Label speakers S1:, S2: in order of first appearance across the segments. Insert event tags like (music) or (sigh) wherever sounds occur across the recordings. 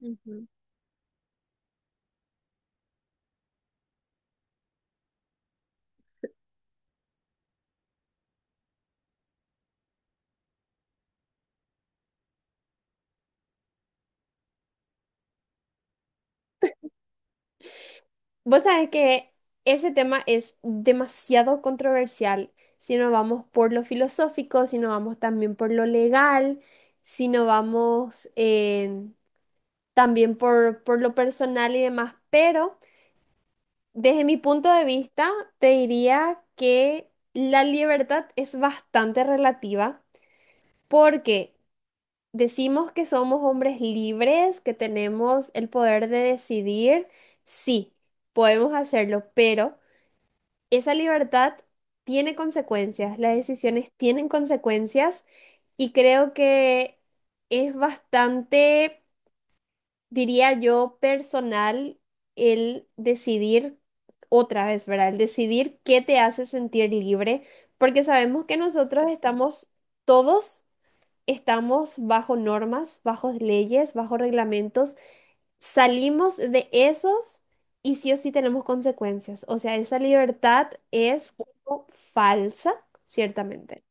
S1: Ujú. Vos sabés que ese tema es demasiado controversial. Si no vamos por lo filosófico, si no vamos también por lo legal, si no vamos también por lo personal y demás. Pero desde mi punto de vista, te diría que la libertad es bastante relativa porque decimos que somos hombres libres, que tenemos el poder de decidir. Sí, podemos hacerlo, pero esa libertad tiene consecuencias, las decisiones tienen consecuencias y creo que es bastante, diría yo, personal el decidir otra vez, ¿verdad? El decidir qué te hace sentir libre, porque sabemos que nosotros estamos, todos estamos bajo normas, bajo leyes, bajo reglamentos, salimos de esos y sí o sí tenemos consecuencias. O sea, esa libertad es como falsa, ciertamente.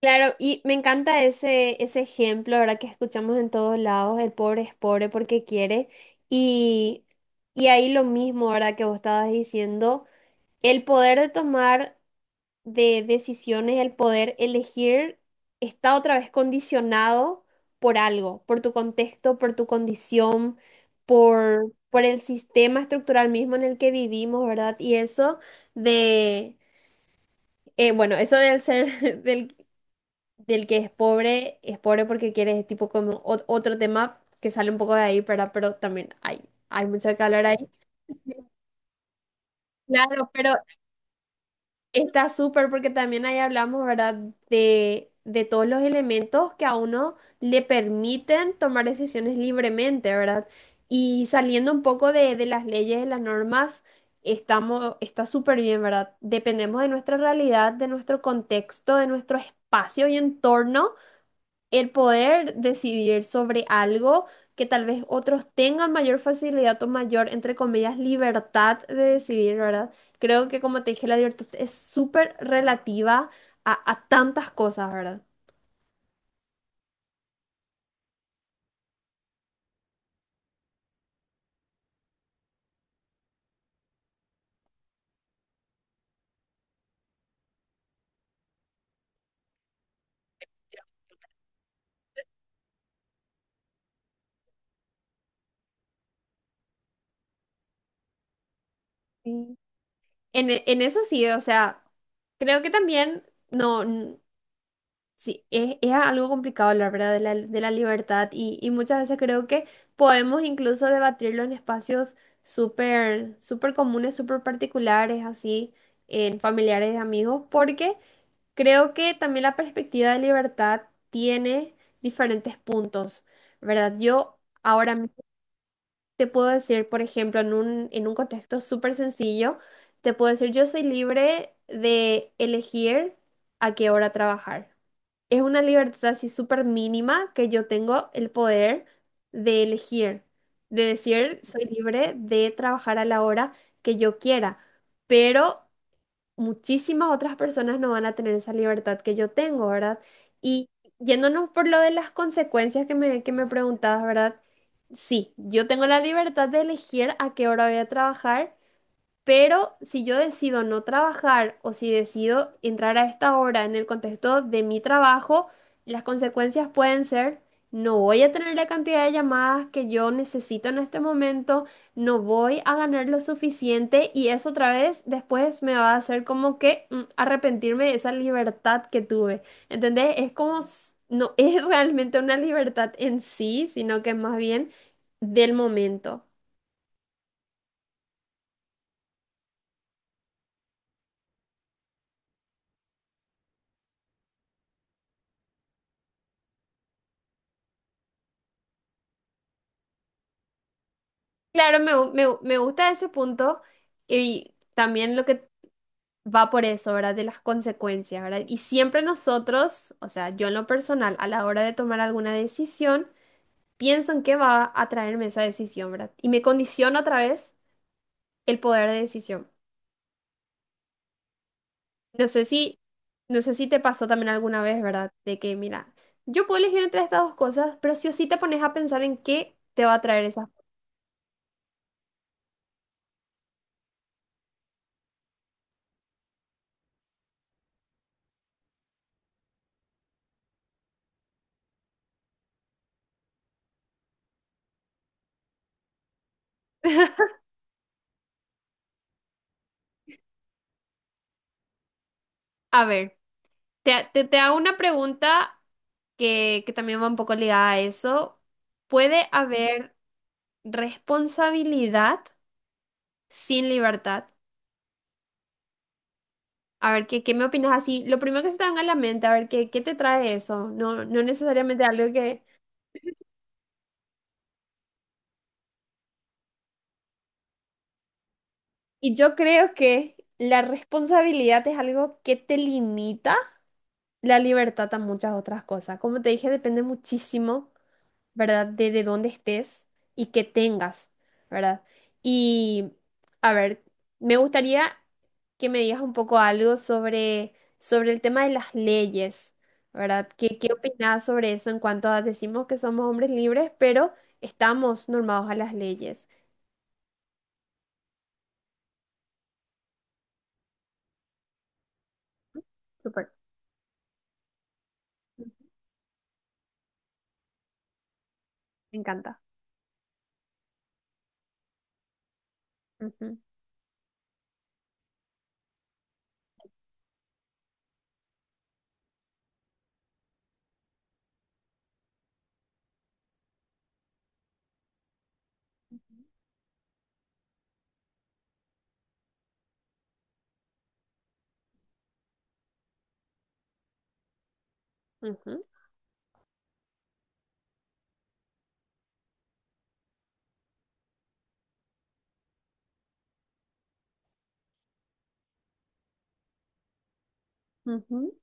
S1: Claro, y me encanta ese ejemplo, ¿verdad? Que escuchamos en todos lados: el pobre es pobre porque quiere. Y, y ahí lo mismo, ¿verdad? Que vos estabas diciendo, el poder de tomar de decisiones, el poder elegir, está otra vez condicionado por algo, por tu contexto, por tu condición, por el sistema estructural mismo en el que vivimos, ¿verdad? Y eso de, bueno, eso del ser, (laughs) del, del que es pobre porque quiere, es tipo como otro tema que sale un poco de ahí, ¿verdad? Pero también hay mucho que hablar ahí. Claro, pero está súper porque también ahí hablamos, ¿verdad? De todos los elementos que a uno le permiten tomar decisiones libremente, ¿verdad? Y saliendo un poco de las leyes, de las normas, estamos, está súper bien, ¿verdad? Dependemos de nuestra realidad, de nuestro contexto, de nuestro espacio y entorno, el poder decidir sobre algo que tal vez otros tengan mayor facilidad o mayor, entre comillas, libertad de decidir, ¿verdad? Creo que como te dije, la libertad es súper relativa a tantas cosas, ¿verdad? Sí. En eso sí, o sea, creo que también no. Sí, es algo complicado hablar, ¿verdad? De la libertad y muchas veces creo que podemos incluso debatirlo en espacios súper, súper comunes, súper particulares, así, en familiares, amigos, porque creo que también la perspectiva de libertad tiene diferentes puntos, ¿verdad? Yo ahora mismo te puedo decir, por ejemplo, en un contexto súper sencillo, te puedo decir, yo soy libre de elegir a qué hora trabajar. Es una libertad así súper mínima, que yo tengo el poder de elegir, de decir, soy libre de trabajar a la hora que yo quiera, pero muchísimas otras personas no van a tener esa libertad que yo tengo, ¿verdad? Y yéndonos por lo de las consecuencias que me preguntabas, ¿verdad? Sí, yo tengo la libertad de elegir a qué hora voy a trabajar, pero si yo decido no trabajar o si decido entrar a esta hora en el contexto de mi trabajo, las consecuencias pueden ser, no voy a tener la cantidad de llamadas que yo necesito en este momento, no voy a ganar lo suficiente y eso otra vez después me va a hacer como que arrepentirme de esa libertad que tuve. ¿Entendés? Es como, no es (laughs) realmente una libertad en sí, sino que es más bien del momento. Claro, me gusta ese punto y también lo que va por eso, ¿verdad? De las consecuencias, ¿verdad? Y siempre nosotros, o sea, yo en lo personal, a la hora de tomar alguna decisión, pienso en qué va a traerme esa decisión, ¿verdad? Y me condiciona otra vez el poder de decisión. No sé si, no sé si te pasó también alguna vez, ¿verdad? De que, mira, yo puedo elegir entre estas dos cosas, pero sí o sí te pones a pensar en qué te va a traer esa. (laughs) A ver. Te hago una pregunta que también va un poco ligada a eso. ¿Puede haber responsabilidad sin libertad? A ver, ¿qué me opinas así? Lo primero que se te venga a la mente, a ver, ¿qué te trae eso? No necesariamente algo que... Y yo creo que la responsabilidad es algo que te limita la libertad a muchas otras cosas. Como te dije, depende muchísimo. ¿Verdad? De dónde estés y qué tengas, ¿verdad? Y, a ver, me gustaría que me digas un poco algo sobre el tema de las leyes, ¿verdad? ¿Qué opinas sobre eso en cuanto a decimos que somos hombres libres, pero estamos normados a las leyes? Súper, me encanta. Ujú, ujú, ujú.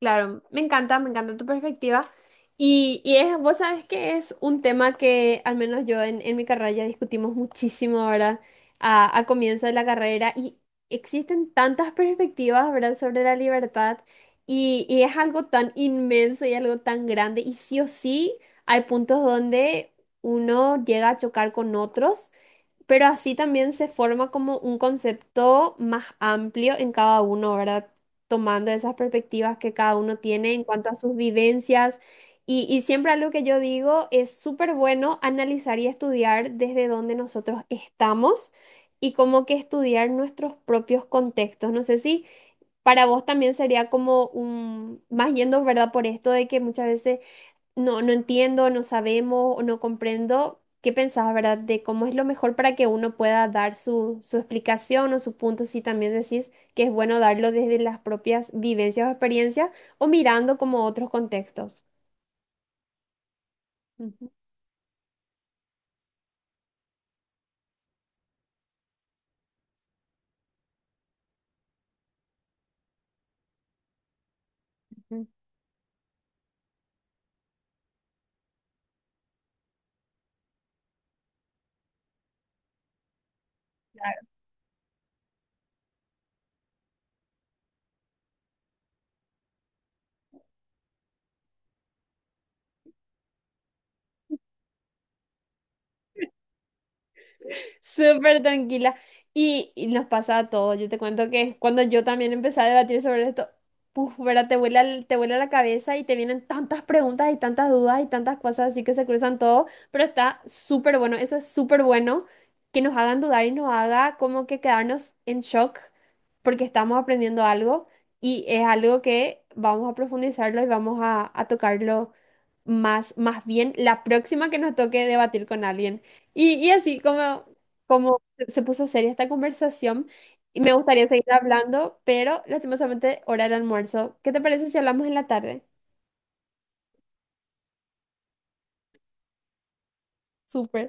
S1: Claro, me encanta tu perspectiva. Y es, vos sabes que es un tema que al menos yo en mi carrera ya discutimos muchísimo, ¿verdad? A comienzo de la carrera y existen tantas perspectivas, ¿verdad? Sobre la libertad y es algo tan inmenso y algo tan grande y sí o sí hay puntos donde uno llega a chocar con otros, pero así también se forma como un concepto más amplio en cada uno, ¿verdad? Tomando esas perspectivas que cada uno tiene en cuanto a sus vivencias. Y siempre algo que yo digo, es súper bueno analizar y estudiar desde donde nosotros estamos y como que estudiar nuestros propios contextos. No sé si para vos también sería como un, más yendo, ¿verdad? Por esto de que muchas veces no entiendo, no sabemos o no comprendo. ¿Qué pensás, verdad, de cómo es lo mejor para que uno pueda dar su explicación o su punto? Si también decís que es bueno darlo desde las propias vivencias o experiencias o mirando como otros contextos. Ujú. Ujú. Súper tranquila. Y nos pasa a todos. Yo te cuento que cuando yo también empecé a debatir sobre esto, puf, ¿verdad? Te vuela la cabeza y te vienen tantas preguntas y tantas dudas y tantas cosas así que se cruzan todo. Pero está súper bueno. Eso es súper bueno que nos hagan dudar y nos haga como que quedarnos en shock porque estamos aprendiendo algo y es algo que vamos a profundizarlo y vamos a tocarlo más, más bien la próxima que nos toque debatir con alguien. Y así como como se puso seria esta conversación y me gustaría seguir hablando, pero lastimosamente hora del almuerzo. ¿Qué te parece si hablamos en la tarde? Súper.